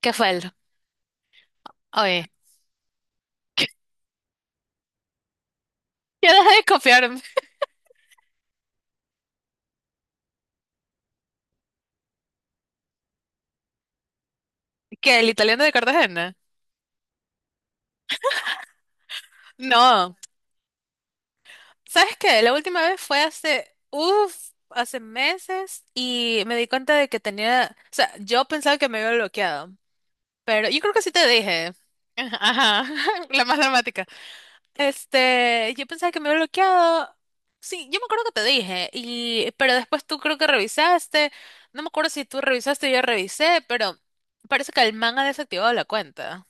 ¿Qué falta? Oye, yo dejé de confiar que el italiano de Cartagena. No, ¿sabes qué? La última vez fue hace meses y me di cuenta de que tenía, o sea, yo pensaba que me había bloqueado, pero yo creo que sí te dije. Ajá, la más dramática. Yo pensaba que me había bloqueado. Sí, yo me acuerdo que te dije, pero después tú creo que revisaste, no me acuerdo si tú revisaste o yo revisé, pero parece que el man ha desactivado la cuenta.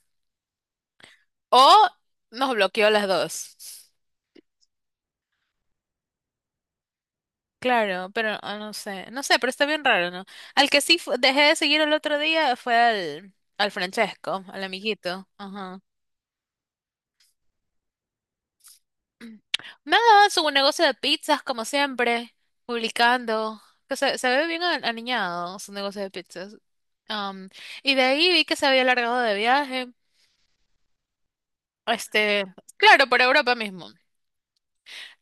O nos bloqueó las dos. Claro, pero no sé, no sé, pero está bien raro, ¿no? Al que sí dejé de seguir el otro día fue al Francesco, al amiguito. Ajá. Nada, su negocio de pizzas, como siempre, publicando. Que se ve bien aniñado su negocio de pizzas. Am, y de ahí vi que se había largado de viaje. Este, claro, por Europa mismo.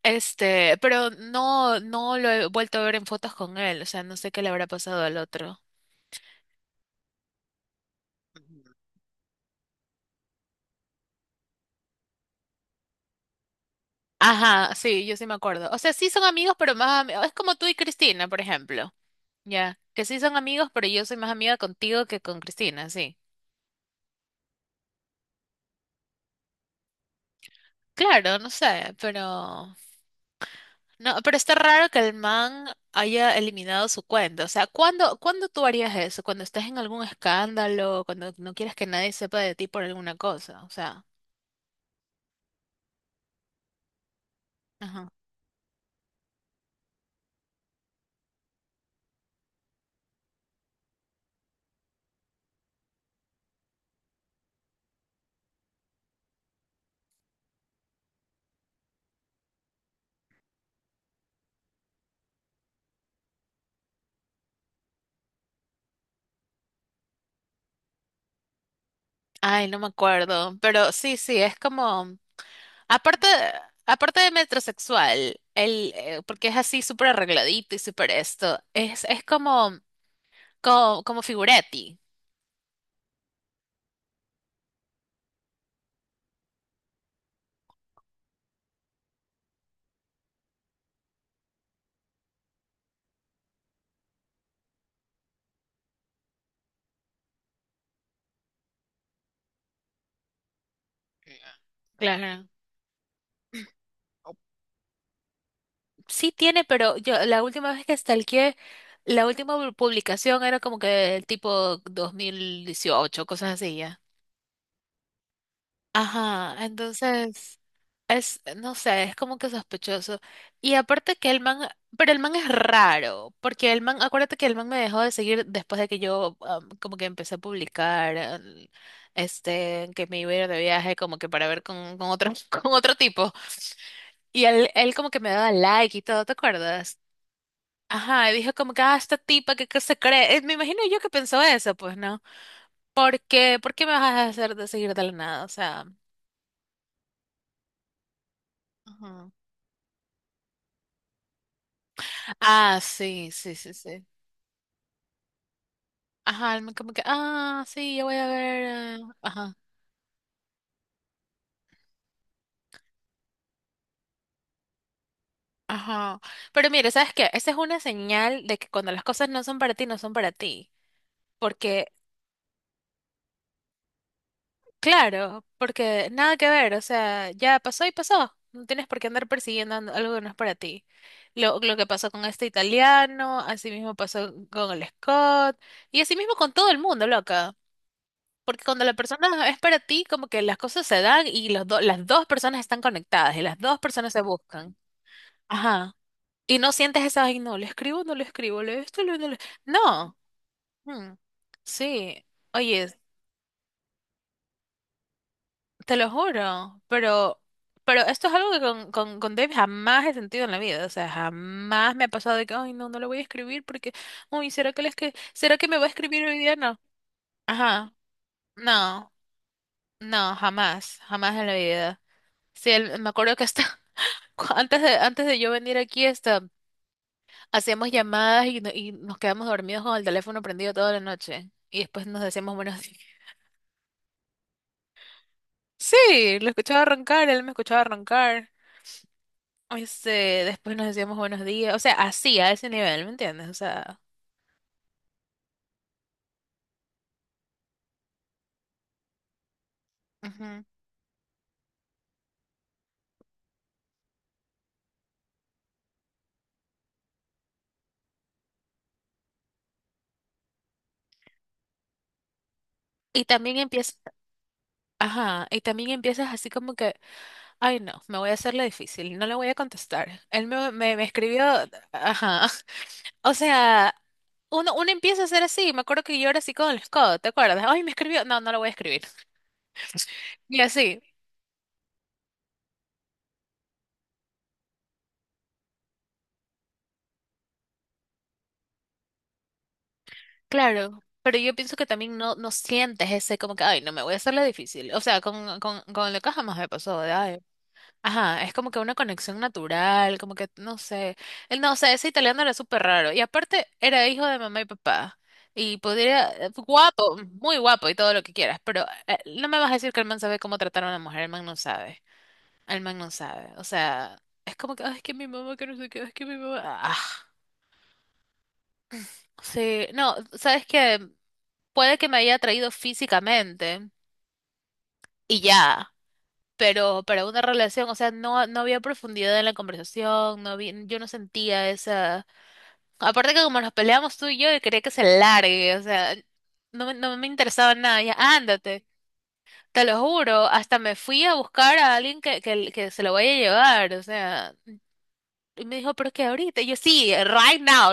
Pero no lo he vuelto a ver en fotos con él, o sea, no sé qué le habrá pasado al otro. Ajá, sí, yo sí me acuerdo. O sea, sí son amigos, pero más amigos. Es como tú y Cristina, por ejemplo. Ya, que sí son amigos, pero yo soy más amiga contigo que con Cristina, sí. Claro, no sé, pero no, pero está raro que el man haya eliminado su cuenta. O sea, ¿cuándo tú harías eso? Cuando estás en algún escándalo, cuando no quieres que nadie sepa de ti por alguna cosa, o sea, ajá. Ay, no me acuerdo, pero sí, sí, es como, aparte, aparte de metrosexual, el, porque es así súper arregladito y súper esto, es como, figurati. Claro. Sí tiene, pero yo la última vez que stalkeé, la última publicación era como que tipo 2018, cosas así ya. Ajá, entonces es, no sé, es como que sospechoso. Y aparte que el man, pero el man es raro, porque el man, acuérdate que el man me dejó de seguir después de que yo como que empecé a publicar, que me iba a ir de viaje como que para ver con otro, con otro tipo. Y él como que me daba like y todo, ¿te acuerdas? Ajá, y dijo como que, esta tipa que se cree. Me imagino yo que pensó eso, pues, ¿no? Porque, ¿por qué me vas a hacer de seguir de la nada? O sea, ajá. Ah, sí, sí, sí, sí. Ajá, como que, sí, yo voy a ver. Ajá, ajá. Pero mire, ¿sabes qué? Esa es una señal de que cuando las cosas no son para ti, no son para ti. Porque, claro, porque nada que ver, o sea, ya pasó y pasó. No tienes por qué andar persiguiendo algo que no es para ti. Lo que pasó con este italiano, así mismo pasó con el Scott, y así mismo con todo el mundo, loca. Porque cuando la persona es para ti, como que las cosas se dan y las dos personas están conectadas y las dos personas se buscan. Ajá. Y no sientes esa, ay, no, le escribo, no le escribo, le esto, le, no le-". No. Mm. Sí. Oye, te lo juro, pero esto es algo que con Dave jamás he sentido en la vida. O sea, jamás me ha pasado de que, ay, no, no le voy a escribir porque, uy, ¿será que me va a escribir hoy día? No. Ajá. No. No, jamás. Jamás en la vida. Sí, me acuerdo que hasta antes de yo venir aquí, hacíamos llamadas y, no- y nos quedamos dormidos con el teléfono prendido toda la noche. Y después nos decíamos buenos días. Sí, lo escuchaba arrancar, él me escuchaba arrancar. Este, Después nos decíamos buenos días. O sea, así, a ese nivel, ¿me entiendes? O sea. Ujú. Y también empiezas, ajá, y también empiezas así como que, ay no, me voy a hacerle difícil, no le voy a contestar. Él me escribió, ajá. O sea, uno empieza a ser así. Me acuerdo que yo era así con el Scott, ¿te acuerdas? Ay, me escribió. No, no lo voy a escribir. Y así, claro. Pero yo pienso que también no sientes ese como que, ay, no me voy a hacerle difícil. O sea, con lo que jamás me pasó de, ay. Ajá, es como que una conexión natural, como que, no sé. Él No, o sea, ese italiano era súper raro. Y aparte, era hijo de mamá y papá. Y podría, guapo, muy guapo y todo lo que quieras. Pero no me vas a decir que el man sabe cómo tratar a una mujer, el man no sabe. El man no sabe. O sea, es como que, "Ay, es que mi mamá, que no sé qué, es que mi mamá. Ah." Sí, no, sabes que puede que me haya atraído físicamente y ya, pero para una relación, o sea, no había profundidad en la conversación, no había, yo no sentía esa. Aparte que como nos peleamos tú y yo quería que se largue, o sea, no, no me interesaba nada, ya, ándate. Te lo juro, hasta me fui a buscar a alguien que se lo vaya a llevar, o sea, y me dijo, pero es que ahorita, y yo sí, right now.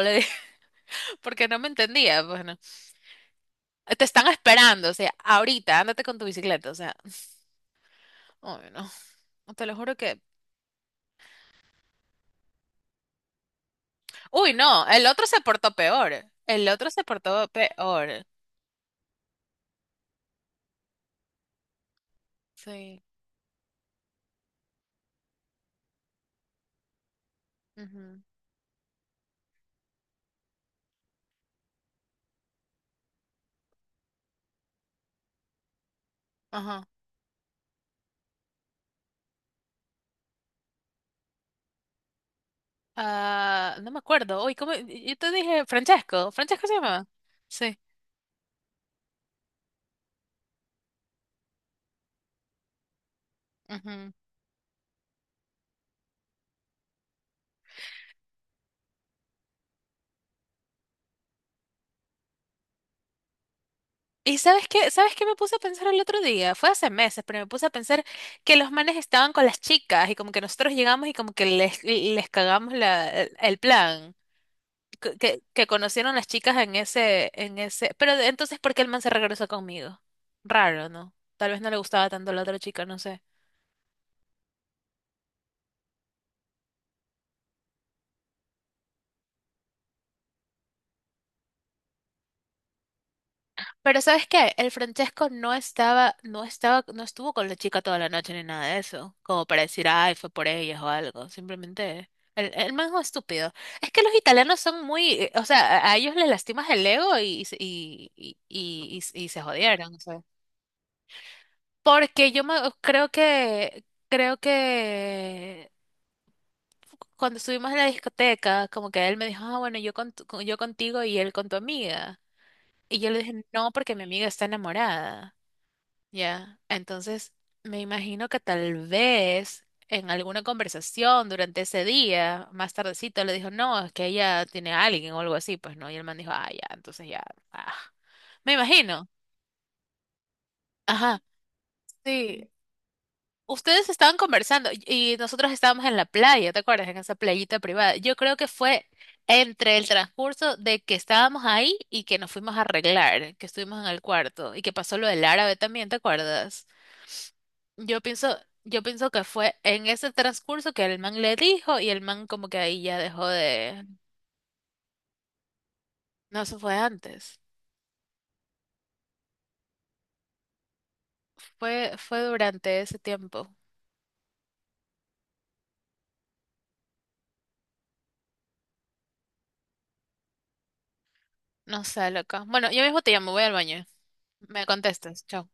Porque no me entendía, bueno. Te están esperando, o sea, ahorita, ándate con tu bicicleta, o sea, uy, no, te lo juro que... Uy, no, el otro se portó peor, el otro se portó peor. Sí, ujú, ajá. Ah, no me acuerdo, uy, ¿cómo? Yo te dije, Francesco, Francesco se llamaba. Sí. Ujú. ¿Y sabes qué? ¿Sabes qué me puse a pensar el otro día? Fue hace meses, pero me puse a pensar que los manes estaban con las chicas y como que nosotros llegamos y como que les cagamos la, el plan. Que conocieron las chicas en ese. Pero entonces, ¿por qué el man se regresó conmigo? Raro, ¿no? Tal vez no le gustaba tanto la otra chica, no sé. Pero ¿sabes qué? El Francesco no estaba, no estaba, no estuvo con la chica toda la noche ni nada de eso. Como para decir, ay, fue por ellas o algo. Simplemente. El man es un estúpido. Es que los italianos son muy, o sea, a ellos les lastimas el ego y se jodieron, o sea. Porque creo que cuando estuvimos en la discoteca, como que él me dijo, ah, bueno, yo contigo y él con tu amiga. Y yo le dije, no, porque mi amiga está enamorada. Ya, entonces me imagino que tal vez en alguna conversación durante ese día, más tardecito, le dijo, no, es que ella tiene a alguien o algo así, pues no. Y el man dijo, ah, ya, entonces ya, ah. Me imagino. Ajá, sí. Ustedes estaban conversando y nosotros estábamos en la playa, ¿te acuerdas? En esa playita privada. Yo creo que fue entre el transcurso de que estábamos ahí y que nos fuimos a arreglar, que estuvimos en el cuarto y que pasó lo del árabe también, ¿te acuerdas? Yo pienso, yo pienso que fue en ese transcurso que el man le dijo y el man como que ahí ya dejó de... No, eso fue antes. Fue durante ese tiempo. No sé, loca. Bueno, yo mismo te llamo, voy al baño. Me contestas. Chao.